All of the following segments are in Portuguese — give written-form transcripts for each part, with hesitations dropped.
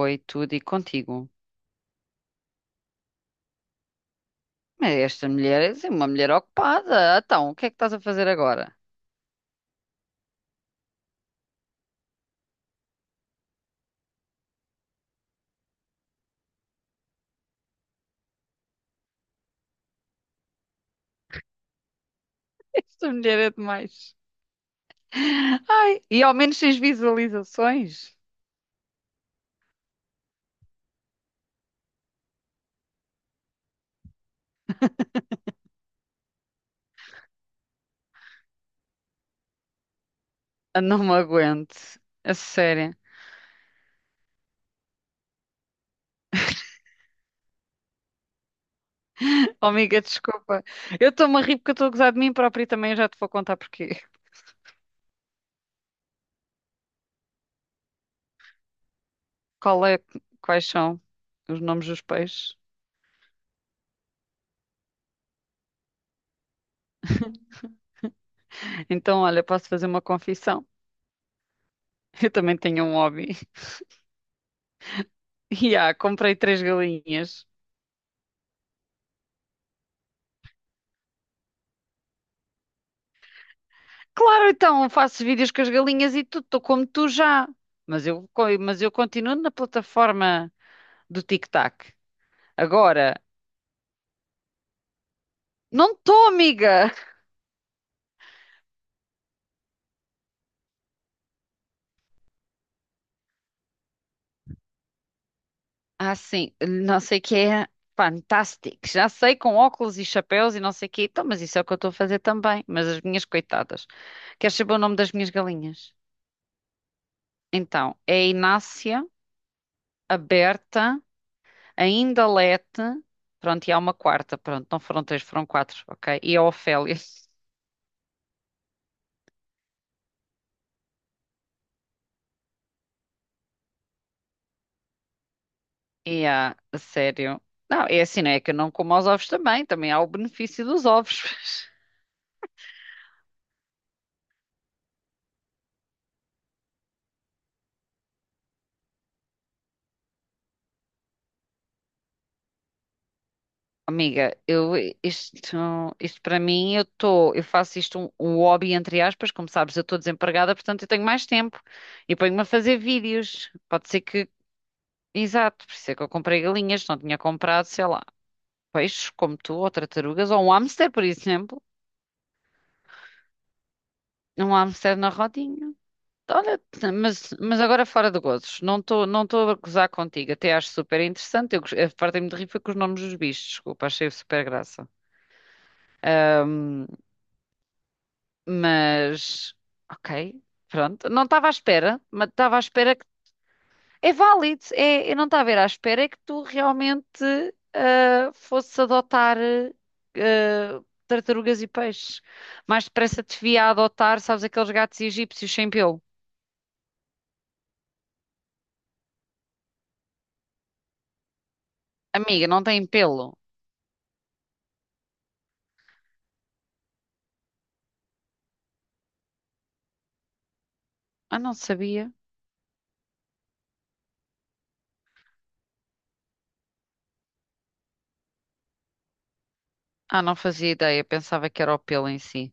Oi, tudo e contigo. Mas esta mulher é uma mulher ocupada. Então, o que é que estás a fazer agora? Esta mulher é demais. Ai, e ao menos tens visualizações? Ah, não me aguento. A sério. Oh, amiga, desculpa. Eu estou-me a rir porque eu estou a gozar de mim própria e também já te vou contar porquê. Qual é, quais são os nomes dos peixes? Então, olha, posso fazer uma confissão. Eu também tenho um hobby. E comprei três galinhas. Claro, então faço vídeos com as galinhas e tudo, estou como tu já. Mas eu continuo na plataforma do TikTok. Agora, não estou, amiga! Ah, sim, não sei o que é fantástico. Já sei, com óculos e chapéus e não sei o quê. Então, mas isso é o que eu estou a fazer também. Mas as minhas coitadas. Queres saber o nome das minhas galinhas? Então, é a Inácia, a Berta, a Indalete. Pronto, e há uma quarta. Pronto, não foram três, foram quatro, ok? E a Ofélia. E há, a sério. Não, é assim, não é que eu não como aos ovos também, também há o benefício dos ovos. Amiga, isto, isto para mim, eu faço isto um hobby entre aspas, como sabes, eu estou desempregada, portanto eu tenho mais tempo e ponho-me a fazer vídeos. Pode ser que, exato, por isso é que eu comprei galinhas, não tinha comprado, sei lá, peixes como tu, ou tartarugas, ou um hamster, por exemplo, um hamster na rodinha. Olha, mas agora fora de gozos, não estou a gozar contigo, até acho super interessante. A parte de rir foi com os nomes dos bichos, desculpa, achei super graça. Ahm, mas, ok, pronto, não estava à espera, mas estava à espera que. É válido, é, eu não estava a ver à espera é que tu realmente fosses adotar ah, tartarugas e peixes. Mais depressa te via a adotar, sabes, aqueles gatos egípcios sem pelo. Amiga, não têm pelo. Ah, não sabia. Ah, não fazia ideia, pensava que era o pelo em si.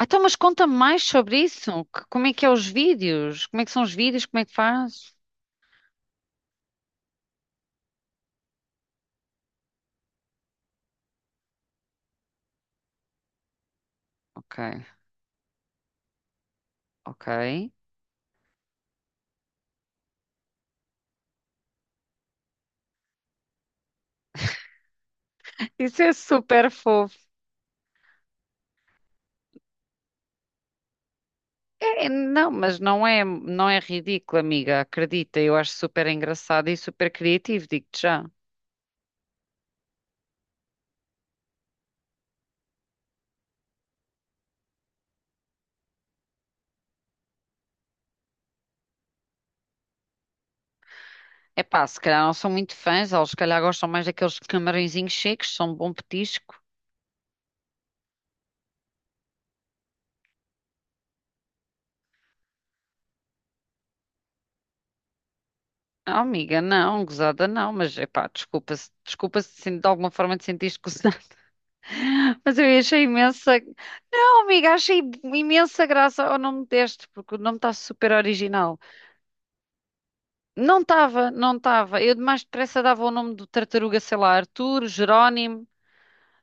Ah, então, mas conta mais sobre isso. Como é que é os vídeos? Como é que são os vídeos? Como é que faz? Ok, ok. Isso é super fofo. É, não, mas não é, ridículo, amiga. Acredita, eu acho super engraçado e super criativo, digo-te já. É pá, se calhar não são muito fãs, eles se calhar gostam mais daqueles camarõezinhos secos, são um bom petisco. Não, amiga, não, gozada não, mas é pá, desculpa se de alguma forma te sentiste gozada. Mas eu achei imensa. Não, amiga, achei imensa graça ao nome deste, porque o nome está super original. Não estava, não estava. Eu de mais depressa dava o nome do tartaruga, sei lá, Arthur, Jerónimo.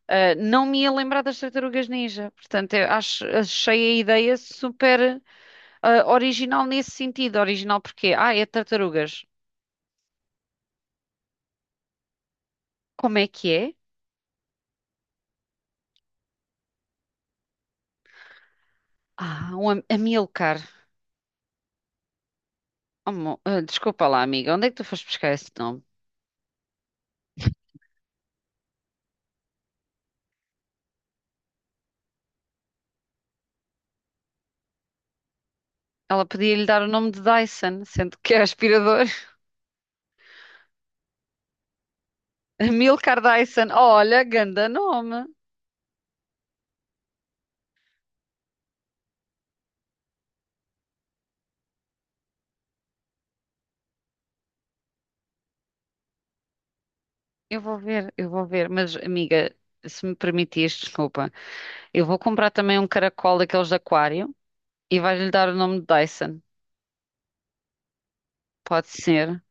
Ah, não me ia lembrar das tartarugas ninja. Portanto, achei a ideia super original nesse sentido. Original porque, é tartarugas. Como é que é? Ah, um Amilcar. Oh, desculpa lá, amiga, onde é que tu foste buscar esse nome? Ela podia lhe dar o nome de Dyson, sendo que é aspirador. Amilcar Dyson. Olha, ganda nome. Eu vou ver, eu vou ver. Mas, amiga, se me permitires, desculpa. Eu vou comprar também um caracol daqueles de aquário e vai-lhe dar o nome de Dyson. Pode ser.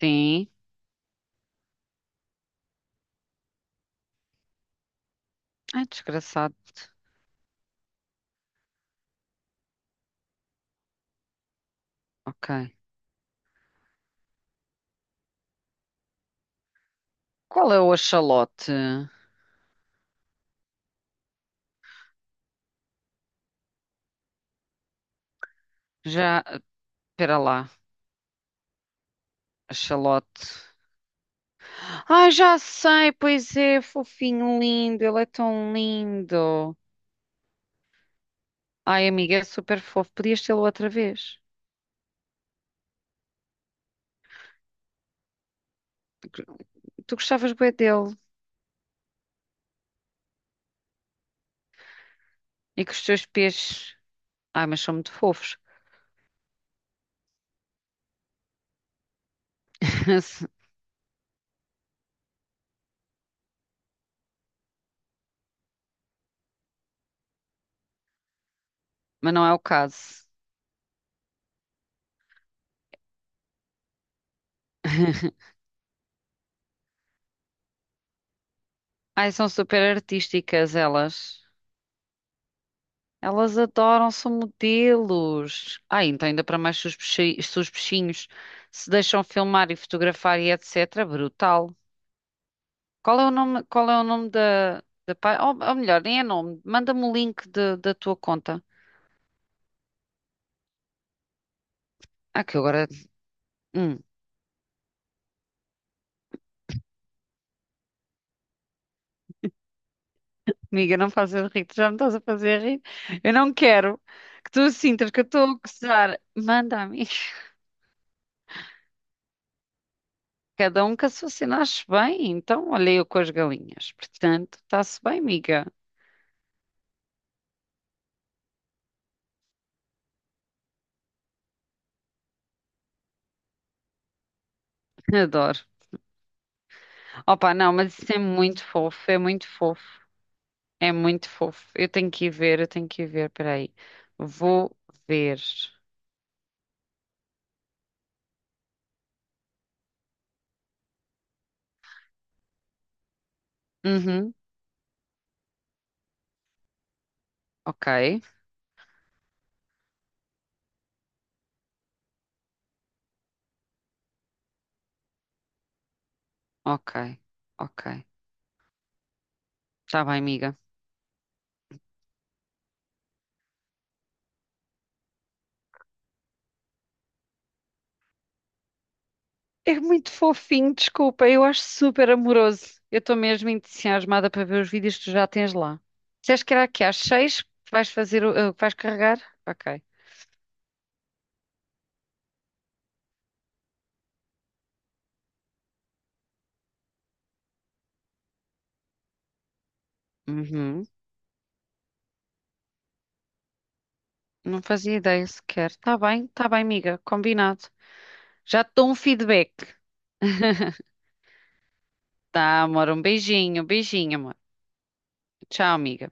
Sim. Ai, desgraçado. Ok. Qual é o axolote? Já, espera lá. Axolote. Ai, já sei, pois é, fofinho, lindo. Ele é tão lindo. Ai, amiga, é super fofo. Podias tê-lo outra vez. Tu gostavas bué dele e que os teus peixes. Ai, mas são muito fofos. Mas não é o caso. Ai, são super artísticas elas. Elas adoram, são modelos. Ai, então ainda para mais se os se os peixinhos se deixam filmar e fotografar e etc. Brutal. Qual é o nome da, página? Ou melhor, nem é nome. Manda-me o link da tua conta. Ah, que eu agora. hum, Amiga, não faças rir, tu já me estás a fazer rir. Eu não quero que tu sintas que eu estou a gozar. Manda a mim. Cada um com a sua se nasce bem, então olha eu com as galinhas. Portanto, está-se bem, amiga. Adoro. Opa, não, mas isso é muito fofo, é muito fofo, é muito fofo. Eu tenho que ir ver, eu tenho que ir ver, peraí. Vou ver. Uhum, ok, ok, ok. Está bem, amiga. É muito fofinho, desculpa, eu acho super amoroso. Eu estou mesmo entusiasmada para ver os vídeos que tu já tens lá. Disseste que era aqui às seis que vais fazer, que vais carregar? Ok. Uhum. Não fazia ideia sequer. Tá bem, amiga, combinado. Já te dou um feedback. Tá, amor, um beijinho, amor. Tchau, amiga.